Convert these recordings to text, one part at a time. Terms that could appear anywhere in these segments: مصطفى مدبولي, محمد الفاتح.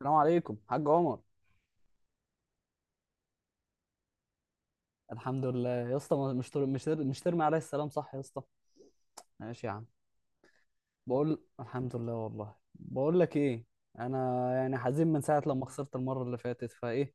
السلام عليكم حاج عمر. الحمد لله يا اسطى، مش ترمي عليا السلام صح يا اسطى؟ ماشي يا عم. بقول الحمد لله، والله بقول لك ايه، انا حزين من ساعه لما خسرت المره اللي فاتت، فايه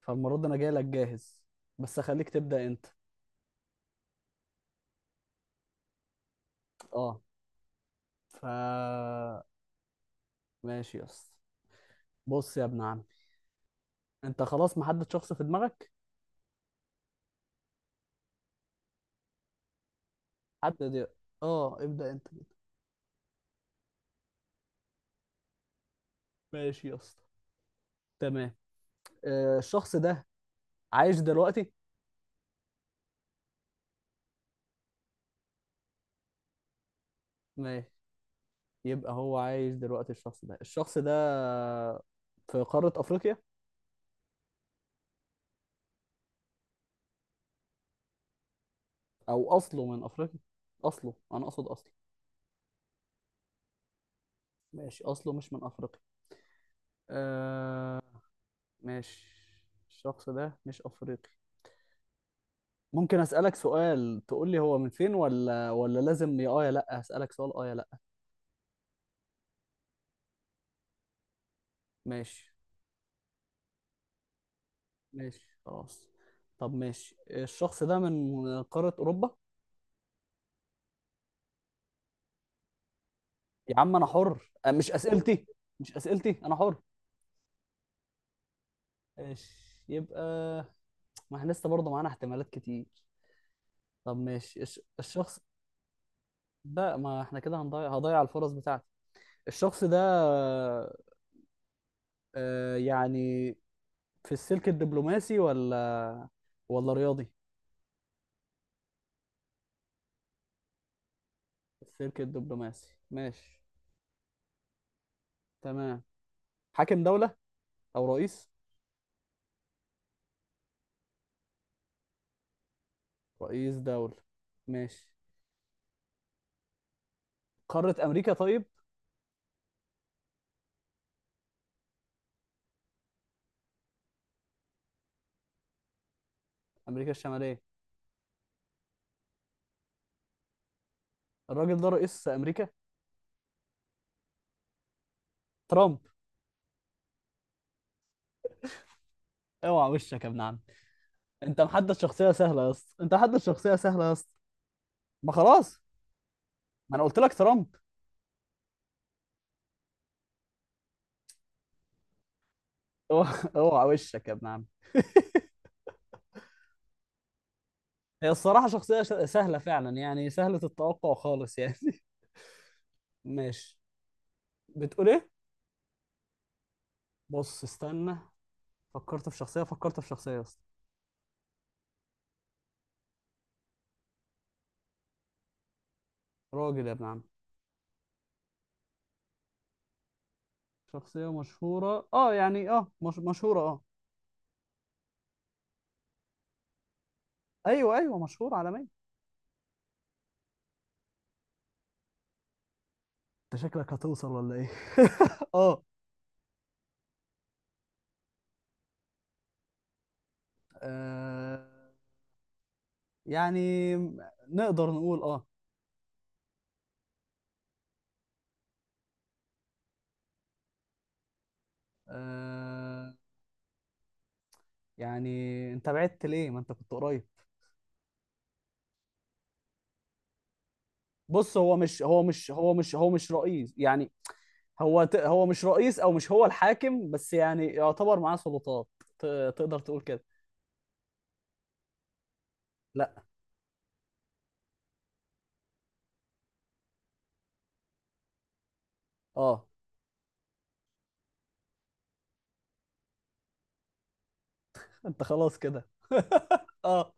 فالمره دي انا جاي لك جاهز، بس خليك تبدا انت. اه ف ماشي يا اسطى. بص يا ابن عمي، انت خلاص محدد شخص في دماغك؟ حدد يا- اه ابدا انت. ماشي يا اسطى، تمام. الشخص ده عايش دلوقتي؟ ماشي، يبقى هو عايش دلوقتي. الشخص ده في قارة أفريقيا، أو أصله من أفريقيا. أصله، أنا أقصد أصله. ماشي، أصله مش من أفريقيا. آه ماشي، الشخص ده مش أفريقي. ممكن أسألك سؤال تقول لي هو من فين؟ ولا لازم يا يا لأ؟ هسألك سؤال، يا لأ. ماشي، ماشي خلاص. طب ماشي، الشخص ده من قارة أوروبا؟ يا عم أنا حر، مش أسئلتي، مش أسئلتي، أنا حر. ماشي، يبقى ما احنا لسه برضه معانا احتمالات كتير. طب ماشي الشخص ده، ما احنا كده هضيع الفرص بتاعتي. الشخص ده، آه يعني في السلك الدبلوماسي ولا ولا رياضي؟ السلك الدبلوماسي، ماشي، تمام. حاكم دولة او رئيس؟ رئيس دولة، ماشي. قارة امريكا طيب؟ امريكا الشمالية. الراجل ده رئيس امريكا. ترامب. اوعى وشك يا ابن عم! انت محدد شخصية سهلة يا اسطى، انت محدد شخصية سهلة يا اسطى. ما خلاص، ما انا قلت لك ترامب. اوعى وشك يا ابن عم. هي الصراحة شخصية سهلة فعلا، يعني سهلة التوقع خالص يعني. ماشي. بتقول ايه؟ بص استنى، فكرت في شخصية، فكرت في شخصية يا اسطى. راجل، يا ابن عم. شخصية مشهورة، اه يعني اه، مش مشهورة اه. ايوه ايوه، مشهورة عالميا. انت شكلك هتوصل ولا ايه؟ اه. آه، يعني نقدر نقول اه. آه، يعني انت بعدت ليه، ما انت كنت قريب. بص، هو مش رئيس يعني. هو مش رئيس او مش هو الحاكم، بس يعني يعتبر معاه سلطات. ت... تقدر تقول كده. لا. اه. انت خلاص كده. اه.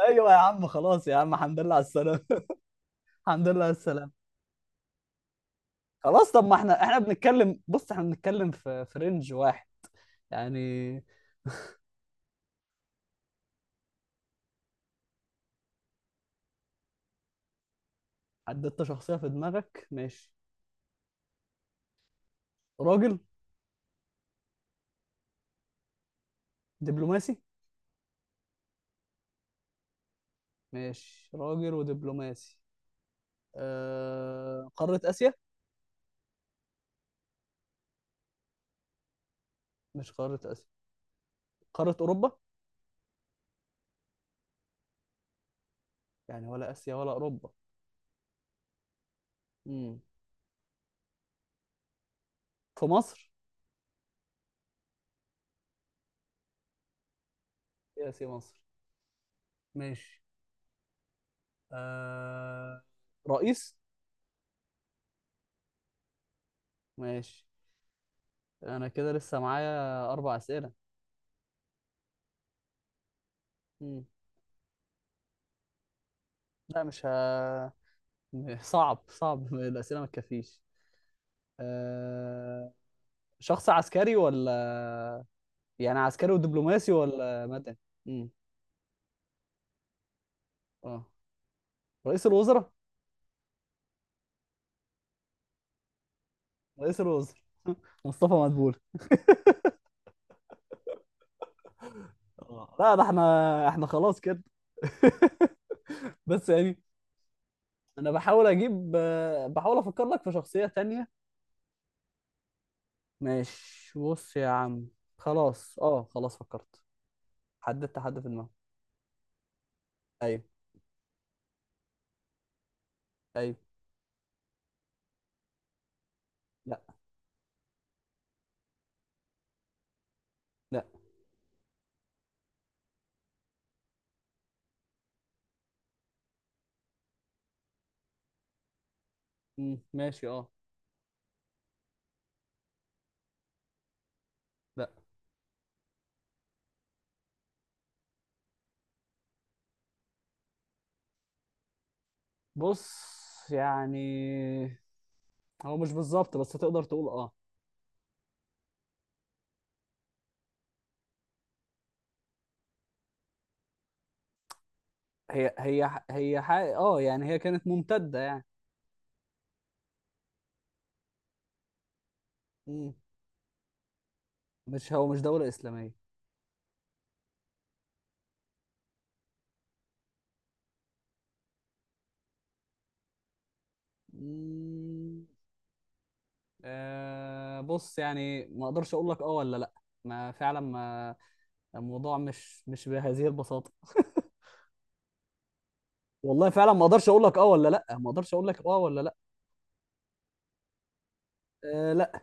ايوه يا عم، خلاص يا عم، الحمد لله على السلامه. الحمد لله على السلامه. خلاص، طب ما احنا بنتكلم، بص احنا بنتكلم في رينج واحد يعني. حددت شخصيه في دماغك، ماشي. راجل. دبلوماسي. ماشي، راجل ودبلوماسي. قاره اسيا؟ مش قاره اسيا، قاره اوروبا؟ يعني ولا آسيا ولا أوروبا؟ امم في مصر؟ في آسيا مصر، ماشي. آه... رئيس؟ ماشي، أنا كده لسه معايا أربع أسئلة. امم لا مش ه... صعب، صعب، الأسئلة ما تكفيش. آه... شخص عسكري ولا، يعني عسكري ودبلوماسي ولا مدني؟ امم اه رئيس الوزراء؟ رئيس الوزراء. مصطفى مدبولي. آه، لا ده احنا، احنا خلاص كده. بس يعني انا بحاول اجيب، بحاول افكر لك في شخصية تانية. ماشي، بص يا عم. خلاص اه، خلاص فكرت. حددت حد في دماغي. ايوه. ايوه. لا. لا. مم، ماشي اه. لا. بص يعني هو مش بالظبط، بس تقدر تقول اه. هي هي ح- هي حق... اه يعني هي كانت ممتدة يعني. مم. مش هو، مش دولة إسلامية. مم. آه بص يعني، ما اقدرش اقول لك اه ولا لا، ما فعلا ما الموضوع مش بهذه البساطة. والله فعلا ما اقدرش اقول لك اه ولا لا، ما اقدرش اقول لك اه ولا لا آه لا.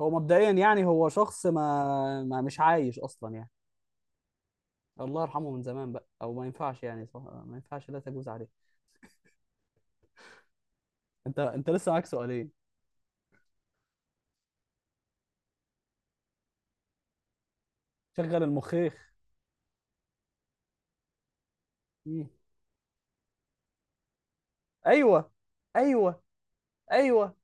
هو مبدئيا يعني، هو شخص ما, ما مش عايش اصلا يعني، الله يرحمه من زمان بقى. او ما ينفعش يعني، صح ما ينفعش، لا تجوز عليه. انت لسه معاك سؤالين. شغل المخيخ. مم. ايوه. ايوه. ايوه.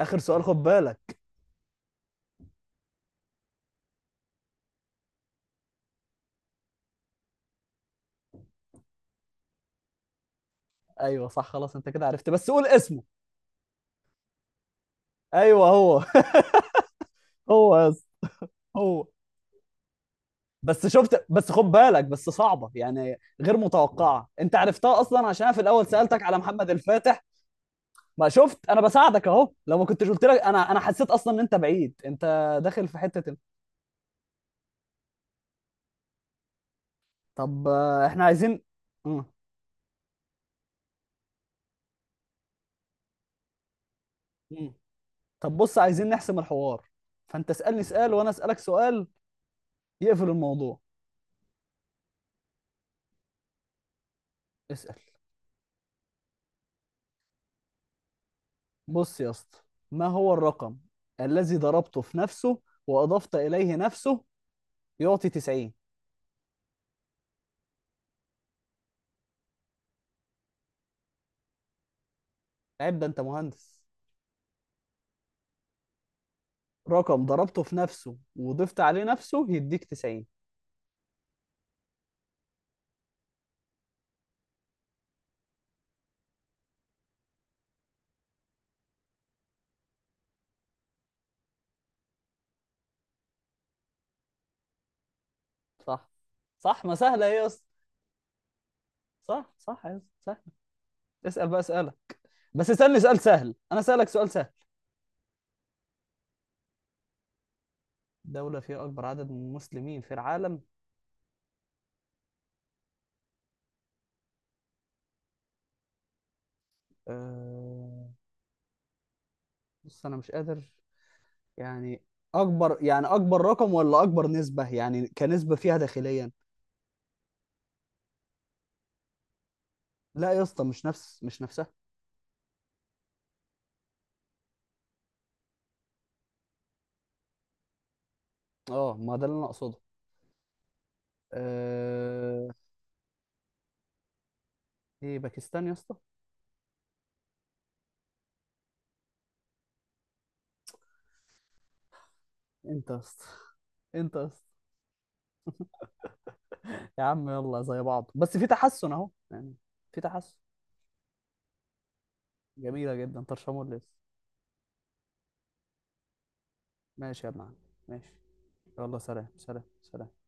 اخر سؤال، خد بالك. ايوه صح، خلاص انت كده عرفت، بس قول اسمه. ايوه هو. هو يا اسطى، هو. بس شفت؟ بس خد بالك، بس صعبة يعني غير متوقعة، انت عرفتها اصلا عشان أنا في الاول سألتك على محمد الفاتح. ما شفت انا بساعدك اهو، لو ما كنتش قلت لك، انا حسيت اصلا ان انت بعيد، انت داخل في حتة طب، احنا عايزين. مم. مم. طب بص، عايزين نحسم الحوار، فانت اسألني سؤال وانا اسألك سؤال يقفل الموضوع. اسأل. بص يا اسطى، ما هو الرقم الذي ضربته في نفسه واضفت اليه نفسه يعطي 90؟ عيب ده، انت مهندس. رقم ضربته في نفسه وضفت عليه نفسه يديك 90. صح صح، ما سهله ايه يا اسطى. صح صح يا اسطى، سهل. اسال بقى، اسئله. بس اسالني سؤال سهل انا اسالك سؤال سهل. دوله فيها اكبر عدد من المسلمين في العالم؟ أه... بص انا مش قادر يعني، اكبر يعني اكبر رقم ولا اكبر نسبه، يعني كنسبه فيها داخليا؟ لا يا اسطى، مش نفس، مش نفسها. اه ما ده اللي انا اقصده. أه... ايه، باكستان يا اسطى؟ انت يا اسطى. انت يا اسطى. يا عم يلا، زي بعض، بس في تحسن اهو يعني. في تحسن. جميلة جدا، طرشمون لسه. ماشي يا ابن عم، ماشي. يلا سلام، سلام، سلام.